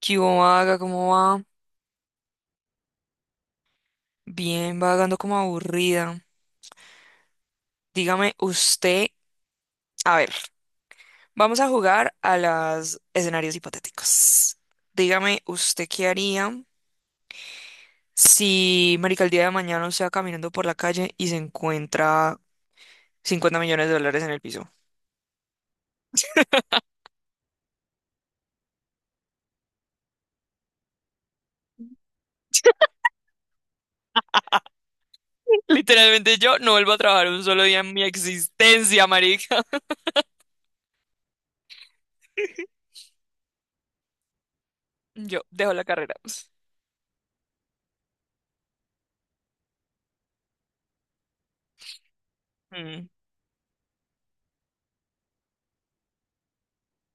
¿Qué hubo, vaga? ¿Cómo va? Bien, vagando como aburrida. Dígame usted, a ver, vamos a jugar a los escenarios hipotéticos. Dígame usted qué haría si, marica, el día de mañana usted va caminando por la calle y se encuentra 50 millones de dólares en el piso. Literalmente yo no vuelvo a trabajar un solo día en mi existencia, marica. Yo dejo la carrera. Mm,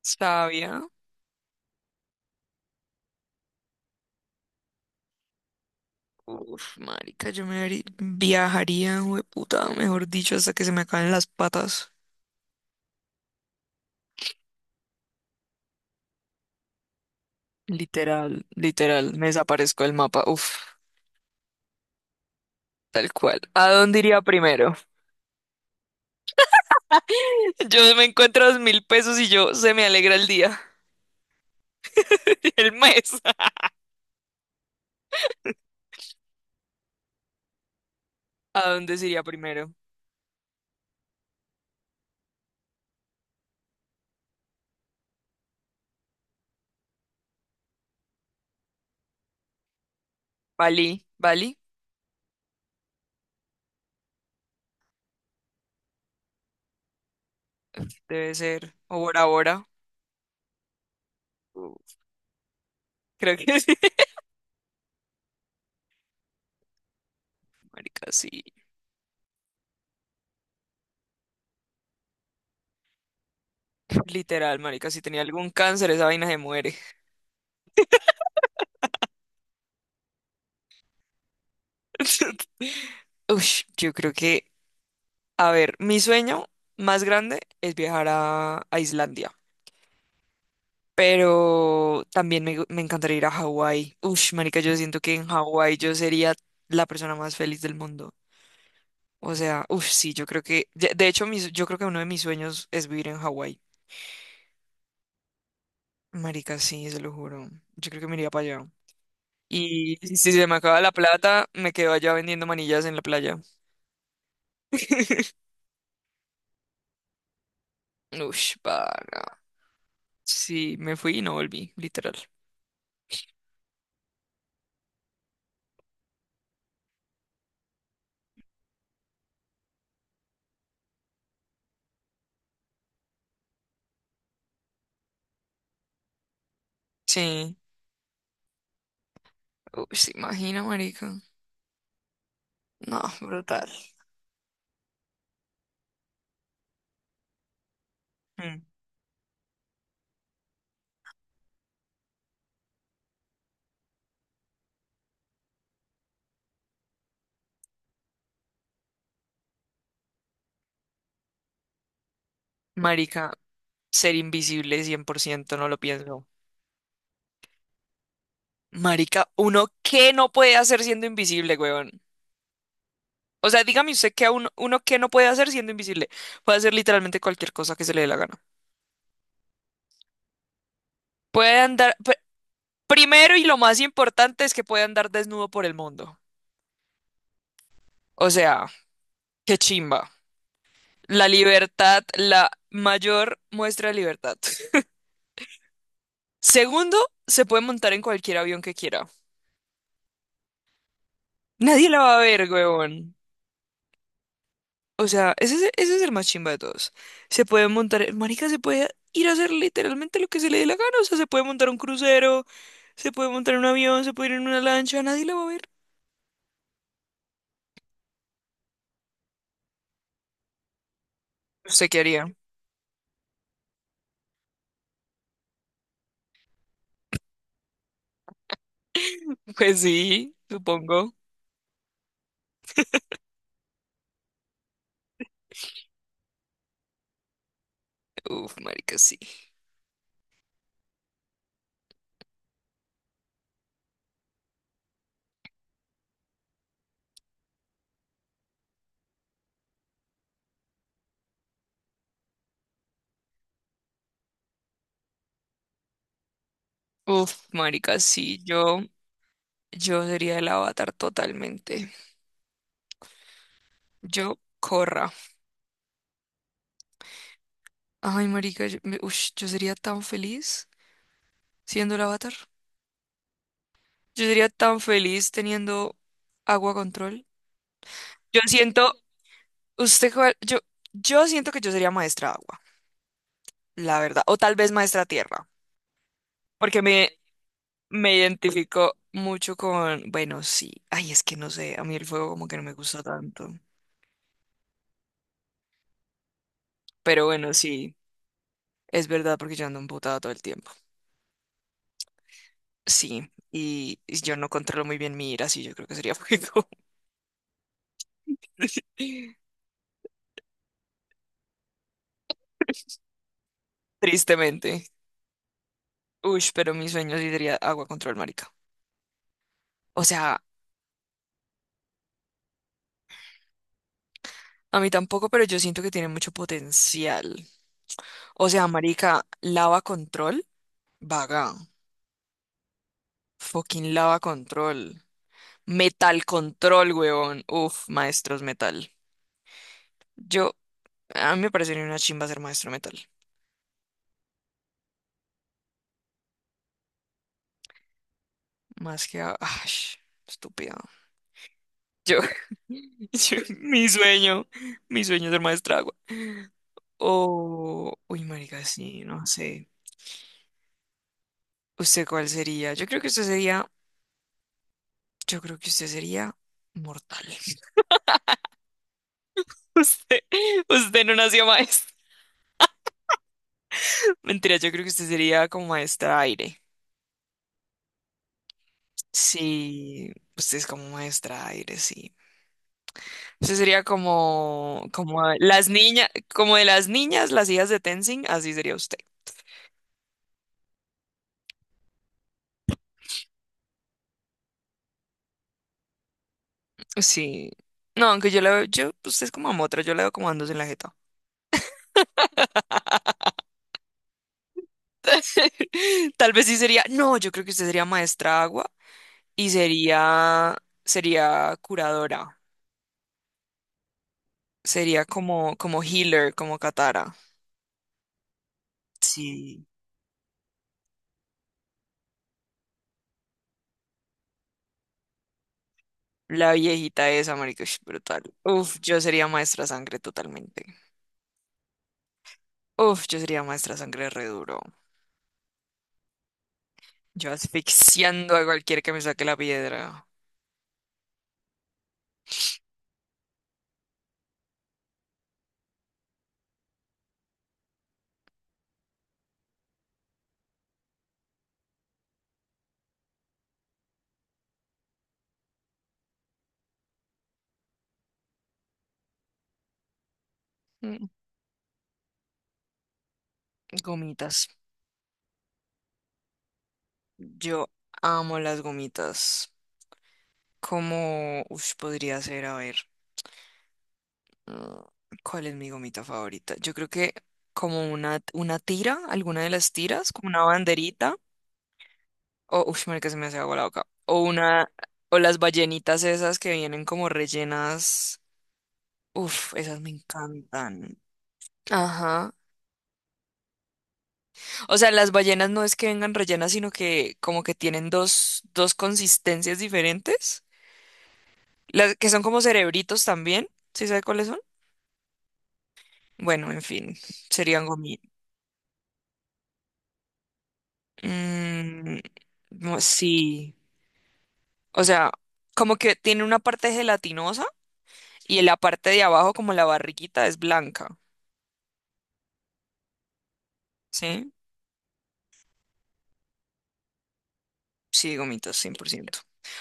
sabia. Uf, marica, viajaría, puta, mejor dicho, hasta que se me acaben las patas. Literal, literal, me desaparezco del mapa. Uf, tal cual. ¿A dónde iría primero? Yo me encuentro 2000 pesos y yo se me alegra el día, el mes. ¿A dónde se iría primero? Bali, Bali, debe ser, o Bora Bora. Uf, creo que sí. Marica, sí. Literal, marica, si tenía algún cáncer, esa vaina se muere. Uy, yo creo que, a ver, mi sueño más grande es viajar a Islandia, pero también me encantaría ir a Hawái. Ush, marica, yo siento que en Hawái yo sería la persona más feliz del mundo. O sea, uff, sí, yo creo que, de hecho, yo creo que uno de mis sueños es vivir en Hawái. Marica, sí, se lo juro. Yo creo que me iría para allá. Y si se me acaba la plata, me quedo allá vendiendo manillas en la playa. Ush, paga. Sí, me fui y no volví, literal. Sí. Uy, se imagina, marica. No, brutal. Mm. Marica, ser invisible 100% no lo pienso. Marica, ¿uno qué no puede hacer siendo invisible, weón? O sea, dígame usted que a uno, uno qué no puede hacer siendo invisible. Puede hacer literalmente cualquier cosa que se le dé la gana. Puede andar, pr- Primero y lo más importante es que puede andar desnudo por el mundo. O sea, qué chimba. La libertad, la mayor muestra de libertad. Segundo, se puede montar en cualquier avión que quiera. Nadie la va a ver, weón. O sea, ese es el más chimba de todos. Se puede montar, marica, se puede ir a hacer literalmente lo que se le dé la gana. O sea, se puede montar un crucero, se puede montar un avión, se puede ir en una lancha, nadie la va a ver. ¿Usted qué haría? Pues sí, supongo. Uf, marica, sí. Uf, marica, sí. Yo sería el avatar totalmente. Yo, corra. Ay, marica, yo sería tan feliz siendo el avatar. Yo sería tan feliz teniendo agua control. Yo siento, Usted, cuál- yo, yo siento que yo sería maestra agua, la verdad, o tal vez maestra tierra, porque me identifico mucho con, bueno, sí, ay, es que no sé, a mí el fuego como que no me gusta tanto, pero bueno, sí, es verdad porque yo ando emputada todo el tiempo, sí, y yo no controlo muy bien mi ira, sí, yo creo que sería fuego, tristemente. Uy, pero mi sueño sí sería agua control, marica. O sea, a mí tampoco, pero yo siento que tiene mucho potencial. O sea, marica, lava control. Vaga. Fucking lava control. Metal control, huevón. Uf, maestros metal. Yo, a mí me parecería una chimba ser maestro metal. Ay, estúpido. Yo, yo- mi sueño, mi sueño es ser maestra agua. O, uy, marica, sí, no sé. ¿Usted cuál sería? Yo creo que usted sería mortal. Usted, usted no nació maestro. Mentira, yo creo que usted sería como maestra aire. Sí, usted es como maestra aire, sí. Usted sería como, como de las niñas, las hijas de Tenzin, así sería usted. Sí. No, aunque yo la veo, yo, usted es como otra, yo la veo como andos en la jeta. Tal vez sí sería, no, yo creo que usted sería maestra agua y sería, sería curadora. Sería como, como healer, como Katara. Sí. La viejita esa, marica, ush, brutal. Uf, yo sería maestra sangre totalmente. Uf, yo sería maestra sangre re duro. Yo asfixiando a cualquier que me saque la piedra. Mm, gomitas. Yo amo las gomitas. ¿Cómo ush, podría ser? A ver, mm, ¿cuál es mi gomita favorita? Yo creo que como una tira, alguna de las tiras, como una banderita. O, uff, marica, se me hace agua la boca. O una, o las ballenitas esas que vienen como rellenas. Uf, esas me encantan. Ajá. O sea, las ballenas no es que vengan rellenas, sino que como que tienen dos consistencias diferentes, las que son como cerebritos también, ¿sí sabe cuáles son? Bueno, en fin, serían gomi. Mm, no, sí, o sea, como que tiene una parte gelatinosa y en la parte de abajo, como la barriguita, es blanca, ¿sí? Sí, gomitas, 100%.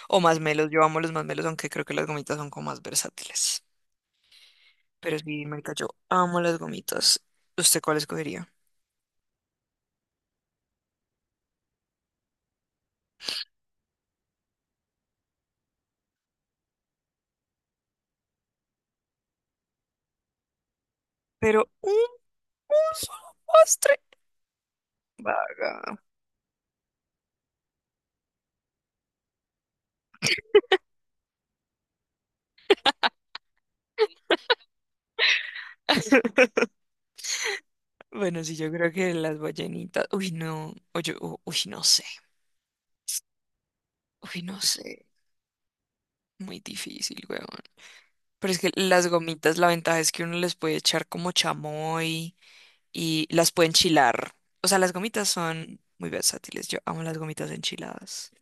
O masmelos, yo amo los masmelos, aunque creo que las gomitas son como más versátiles. Pero sí, marica, yo amo las gomitas. ¿Usted cuál escogería? pero un, un solo postre. Vaga. Bueno, sí, yo creo que las ballenitas. Uy, no. Uy, no sé. Uy, no sé. Muy difícil, weón. Pero es que las gomitas, la ventaja es que uno les puede echar como chamoy y las puede enchilar. O sea, las gomitas son muy versátiles. Yo amo las gomitas enchiladas.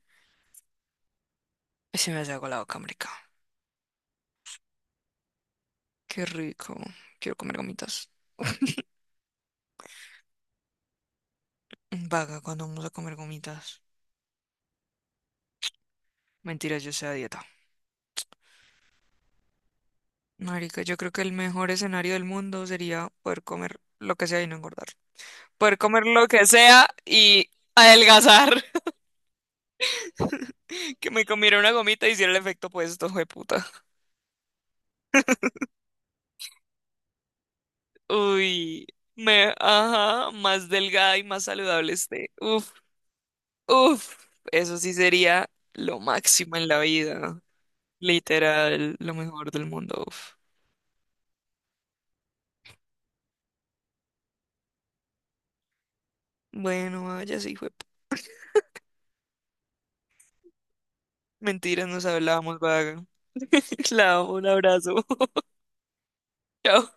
Ay, se me hace agua la boca, marica. Qué rico. Quiero comer gomitas. Vaga, ¿cuando vamos a comer gomitas? Mentiras, yo sé a dieta. Marica, yo creo que el mejor escenario del mundo sería poder comer lo que sea y no engordar. Poder comer lo que sea y adelgazar. Que me comiera una gomita y hiciera el efecto opuesto, puta. Uy, ajá, más delgada y más saludable esté. Uf, uf, eso sí sería lo máximo en la vida. Literal, lo mejor del mundo. Uf. Bueno, vaya, sí, fue. Mentiras, nos hablábamos, vaga. La amo, un abrazo. Chao.